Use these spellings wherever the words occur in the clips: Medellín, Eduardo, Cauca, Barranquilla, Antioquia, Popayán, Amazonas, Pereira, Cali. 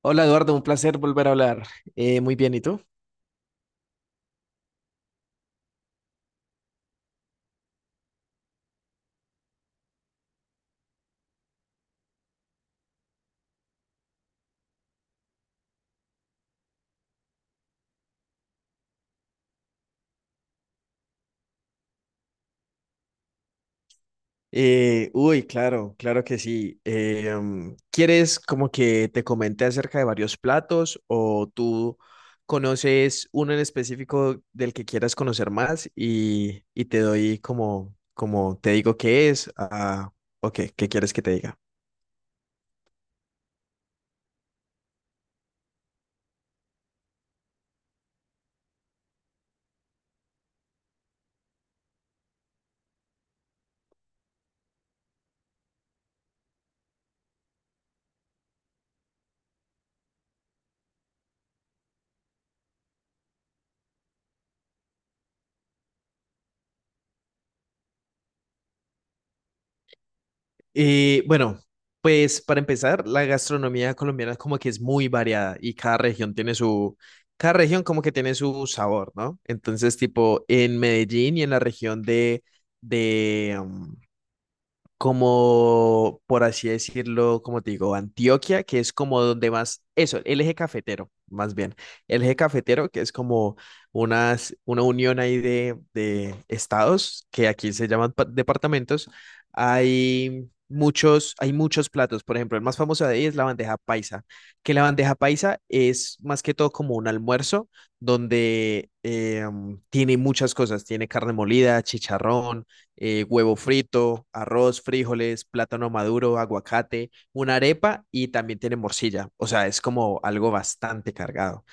Hola Eduardo, un placer volver a hablar. Muy bien, ¿y tú? Uy, claro, claro que sí. ¿Quieres como que te comente acerca de varios platos o tú conoces uno en específico del que quieras conocer más y te doy como, como te digo qué es? Ah, ok, ¿qué quieres que te diga? Bueno, pues para empezar, la gastronomía colombiana como que es muy variada y cada región como que tiene su sabor, ¿no? Entonces, tipo, en Medellín y en la región de, um, como, por así decirlo, como te digo, Antioquia, que es como donde más, eso, el eje cafetero, más bien, que es como una unión ahí de estados, que aquí se llaman departamentos, hay muchos platos, por ejemplo, el más famoso de ahí es la bandeja paisa, que la bandeja paisa es más que todo como un almuerzo donde tiene muchas cosas, tiene carne molida, chicharrón, huevo frito, arroz, frijoles, plátano maduro, aguacate, una arepa y también tiene morcilla. O sea, es como algo bastante cargado.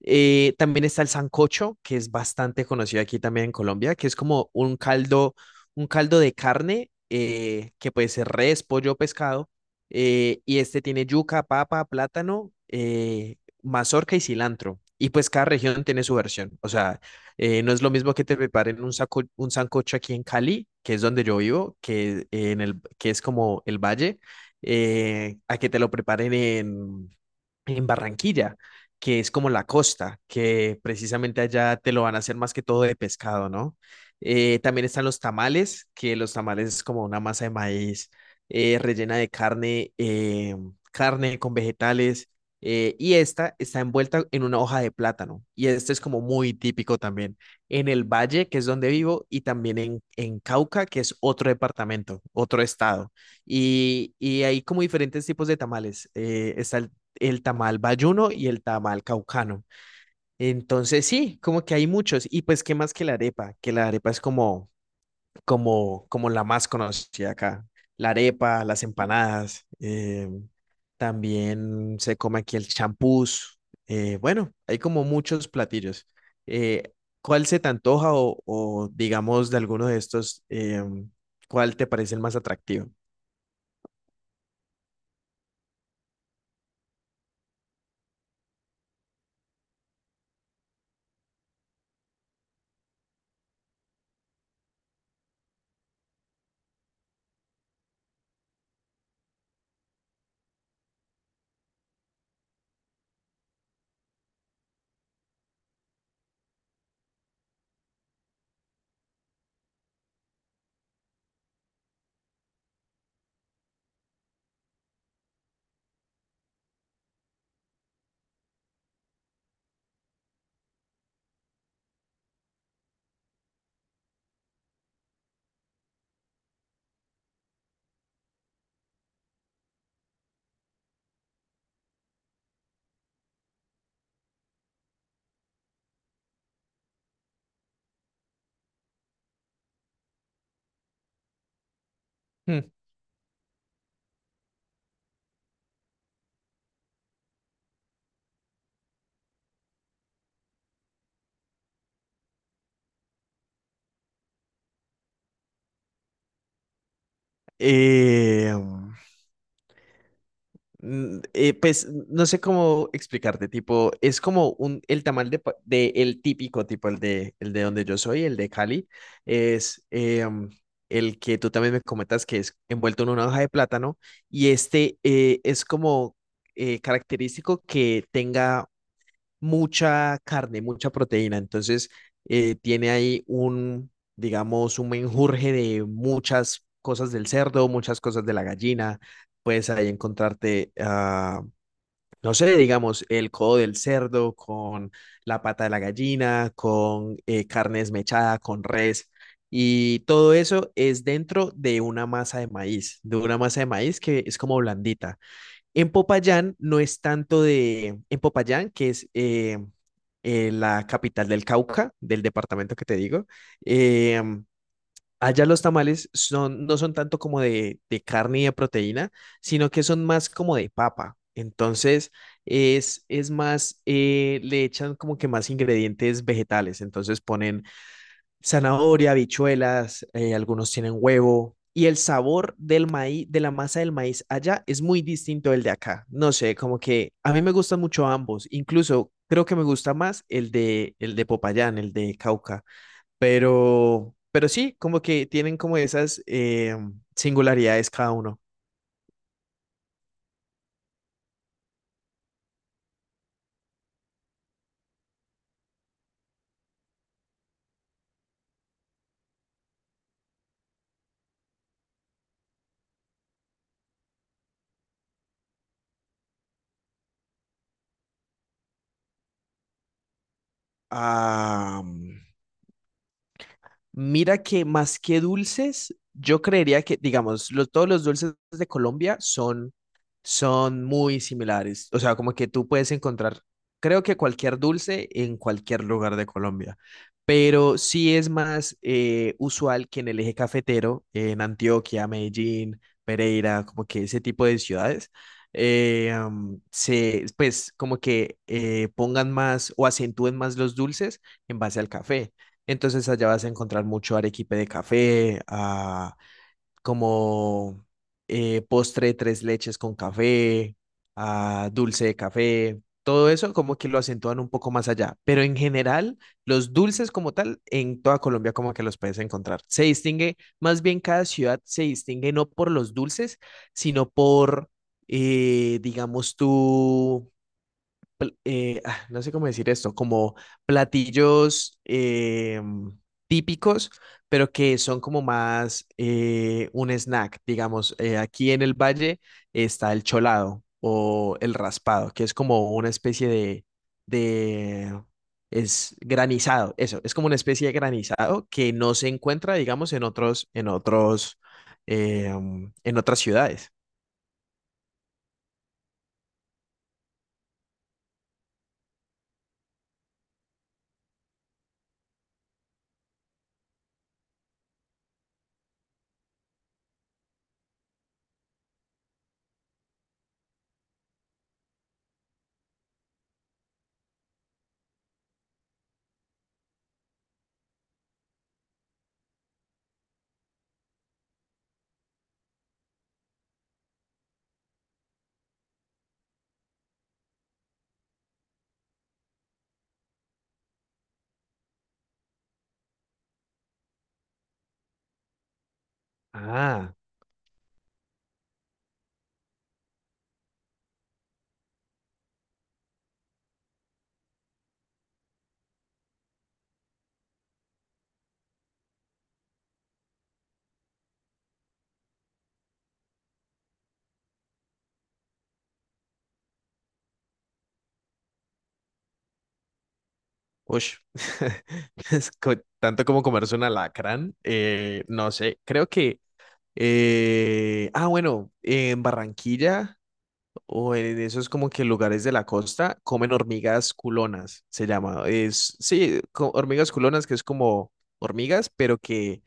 También está el sancocho, que es bastante conocido aquí también en Colombia, que es como un caldo de carne, que puede ser res, pollo, o pescado, y este tiene yuca, papa, plátano, mazorca y cilantro. Y pues cada región tiene su versión. O sea, no es lo mismo que te preparen un sancocho aquí en Cali, que es donde yo vivo, que es como el valle, a que te lo preparen en Barranquilla, que es como la costa, que precisamente allá te lo van a hacer más que todo de pescado, ¿no? También están los tamales, que los tamales es como una masa de maíz rellena de carne, carne con vegetales, y esta está envuelta en una hoja de plátano, y este es como muy típico también en el Valle, que es donde vivo, y también en Cauca, que es otro departamento, otro estado. Y hay como diferentes tipos de tamales. Está el tamal bayuno y el tamal caucano. Entonces, sí, como que hay muchos. Y pues, ¿qué más que la arepa? Que la arepa es como la más conocida acá. La arepa, las empanadas, también se come aquí el champús. Bueno, hay como muchos platillos. Eh, ¿Cuál se te antoja digamos de alguno de estos, cuál te parece el más atractivo? Hmm. Eh, pues no sé cómo explicarte, tipo, es como el tamal el típico, tipo, el de donde yo soy, el de Cali, es el que tú también me comentas que es envuelto en una hoja de plátano y este es como característico que tenga mucha carne, mucha proteína. Entonces, tiene ahí un, digamos, un menjurje de muchas cosas del cerdo, muchas cosas de la gallina. Puedes ahí encontrarte, ah, no sé, digamos, el codo del cerdo con la pata de la gallina, con carne desmechada, con res. Y todo eso es dentro de una masa de maíz, de una masa de maíz que es como blandita. En Popayán no es tanto de, En Popayán, que es la capital del Cauca, del departamento que te digo. Eh, Allá los tamales no son tanto como de carne y de proteína, sino que son más como de papa. Entonces es más, le echan como que más ingredientes vegetales. Entonces ponen zanahoria, habichuelas, algunos tienen huevo. Y el sabor del maíz, de la masa del maíz allá es muy distinto del de acá. No sé, como que a mí me gustan mucho ambos. Incluso creo que me gusta más el de Popayán, el de Cauca. Pero sí, como que tienen como esas singularidades cada uno. Ah, mm, Mira que más que dulces, yo creería que, digamos, todos los dulces de Colombia son muy similares. O sea, como que tú puedes encontrar, creo que cualquier dulce en cualquier lugar de Colombia. Pero sí es más usual que en el eje cafetero, en Antioquia, Medellín, Pereira, como que ese tipo de ciudades, pues como que pongan más o acentúen más los dulces en base al café. Entonces allá vas a encontrar mucho arequipe de café, ah, como postre de tres leches con café, ah, dulce de café, todo eso como que lo acentúan un poco más allá. Pero en general, los dulces como tal, en toda Colombia como que los puedes encontrar. Se distingue, más bien cada ciudad se distingue no por los dulces, sino por, digamos tú ah, no sé cómo decir esto, como platillos típicos, pero que son como más un snack, digamos. Aquí en el valle está el cholado o el raspado, que es como una especie de, es granizado, eso, es como una especie de granizado que no se encuentra, digamos, en otras ciudades. Ah, Ush. Tanto como comerse un alacrán, no sé, creo que, ah, bueno, en Barranquilla o en esos como que lugares de la costa comen hormigas culonas, se llama, sí, hormigas culonas que es como hormigas, pero que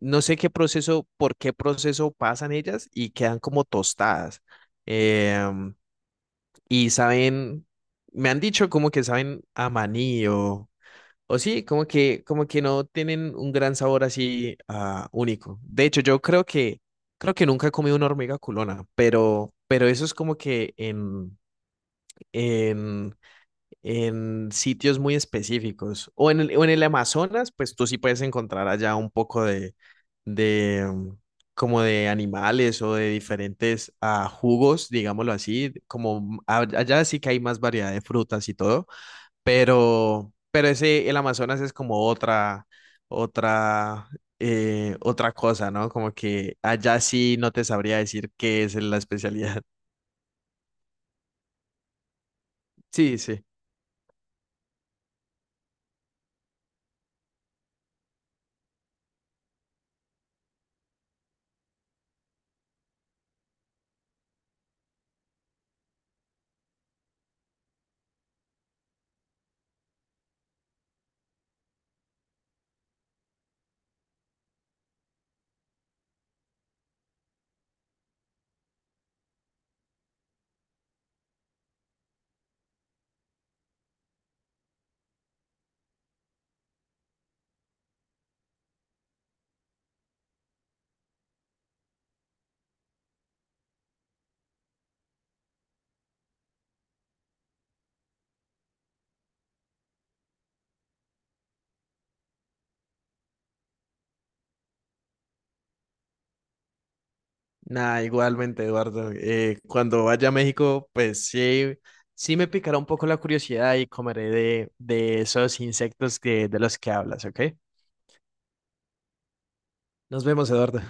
no sé qué proceso, por qué proceso pasan ellas y quedan como tostadas. em, y saben, me han dicho como que saben a maní o sí, como que no tienen un gran sabor así único. De hecho, yo creo que, nunca he comido una hormiga culona, pero eso es como que en, en, sitios muy específicos. O en el Amazonas, pues tú sí puedes encontrar allá un poco de como de animales o de diferentes jugos, digámoslo así, como allá sí que hay más variedad de frutas y todo pero ese, el Amazonas es como otra, otra cosa, ¿no? Como que allá sí no te sabría decir qué es la especialidad. Sí, sí. Nada, igualmente, Eduardo. Cuando vaya a México, pues sí, sí me picará un poco la curiosidad y comeré de esos insectos de los que hablas, ¿ok? Nos vemos, Eduardo.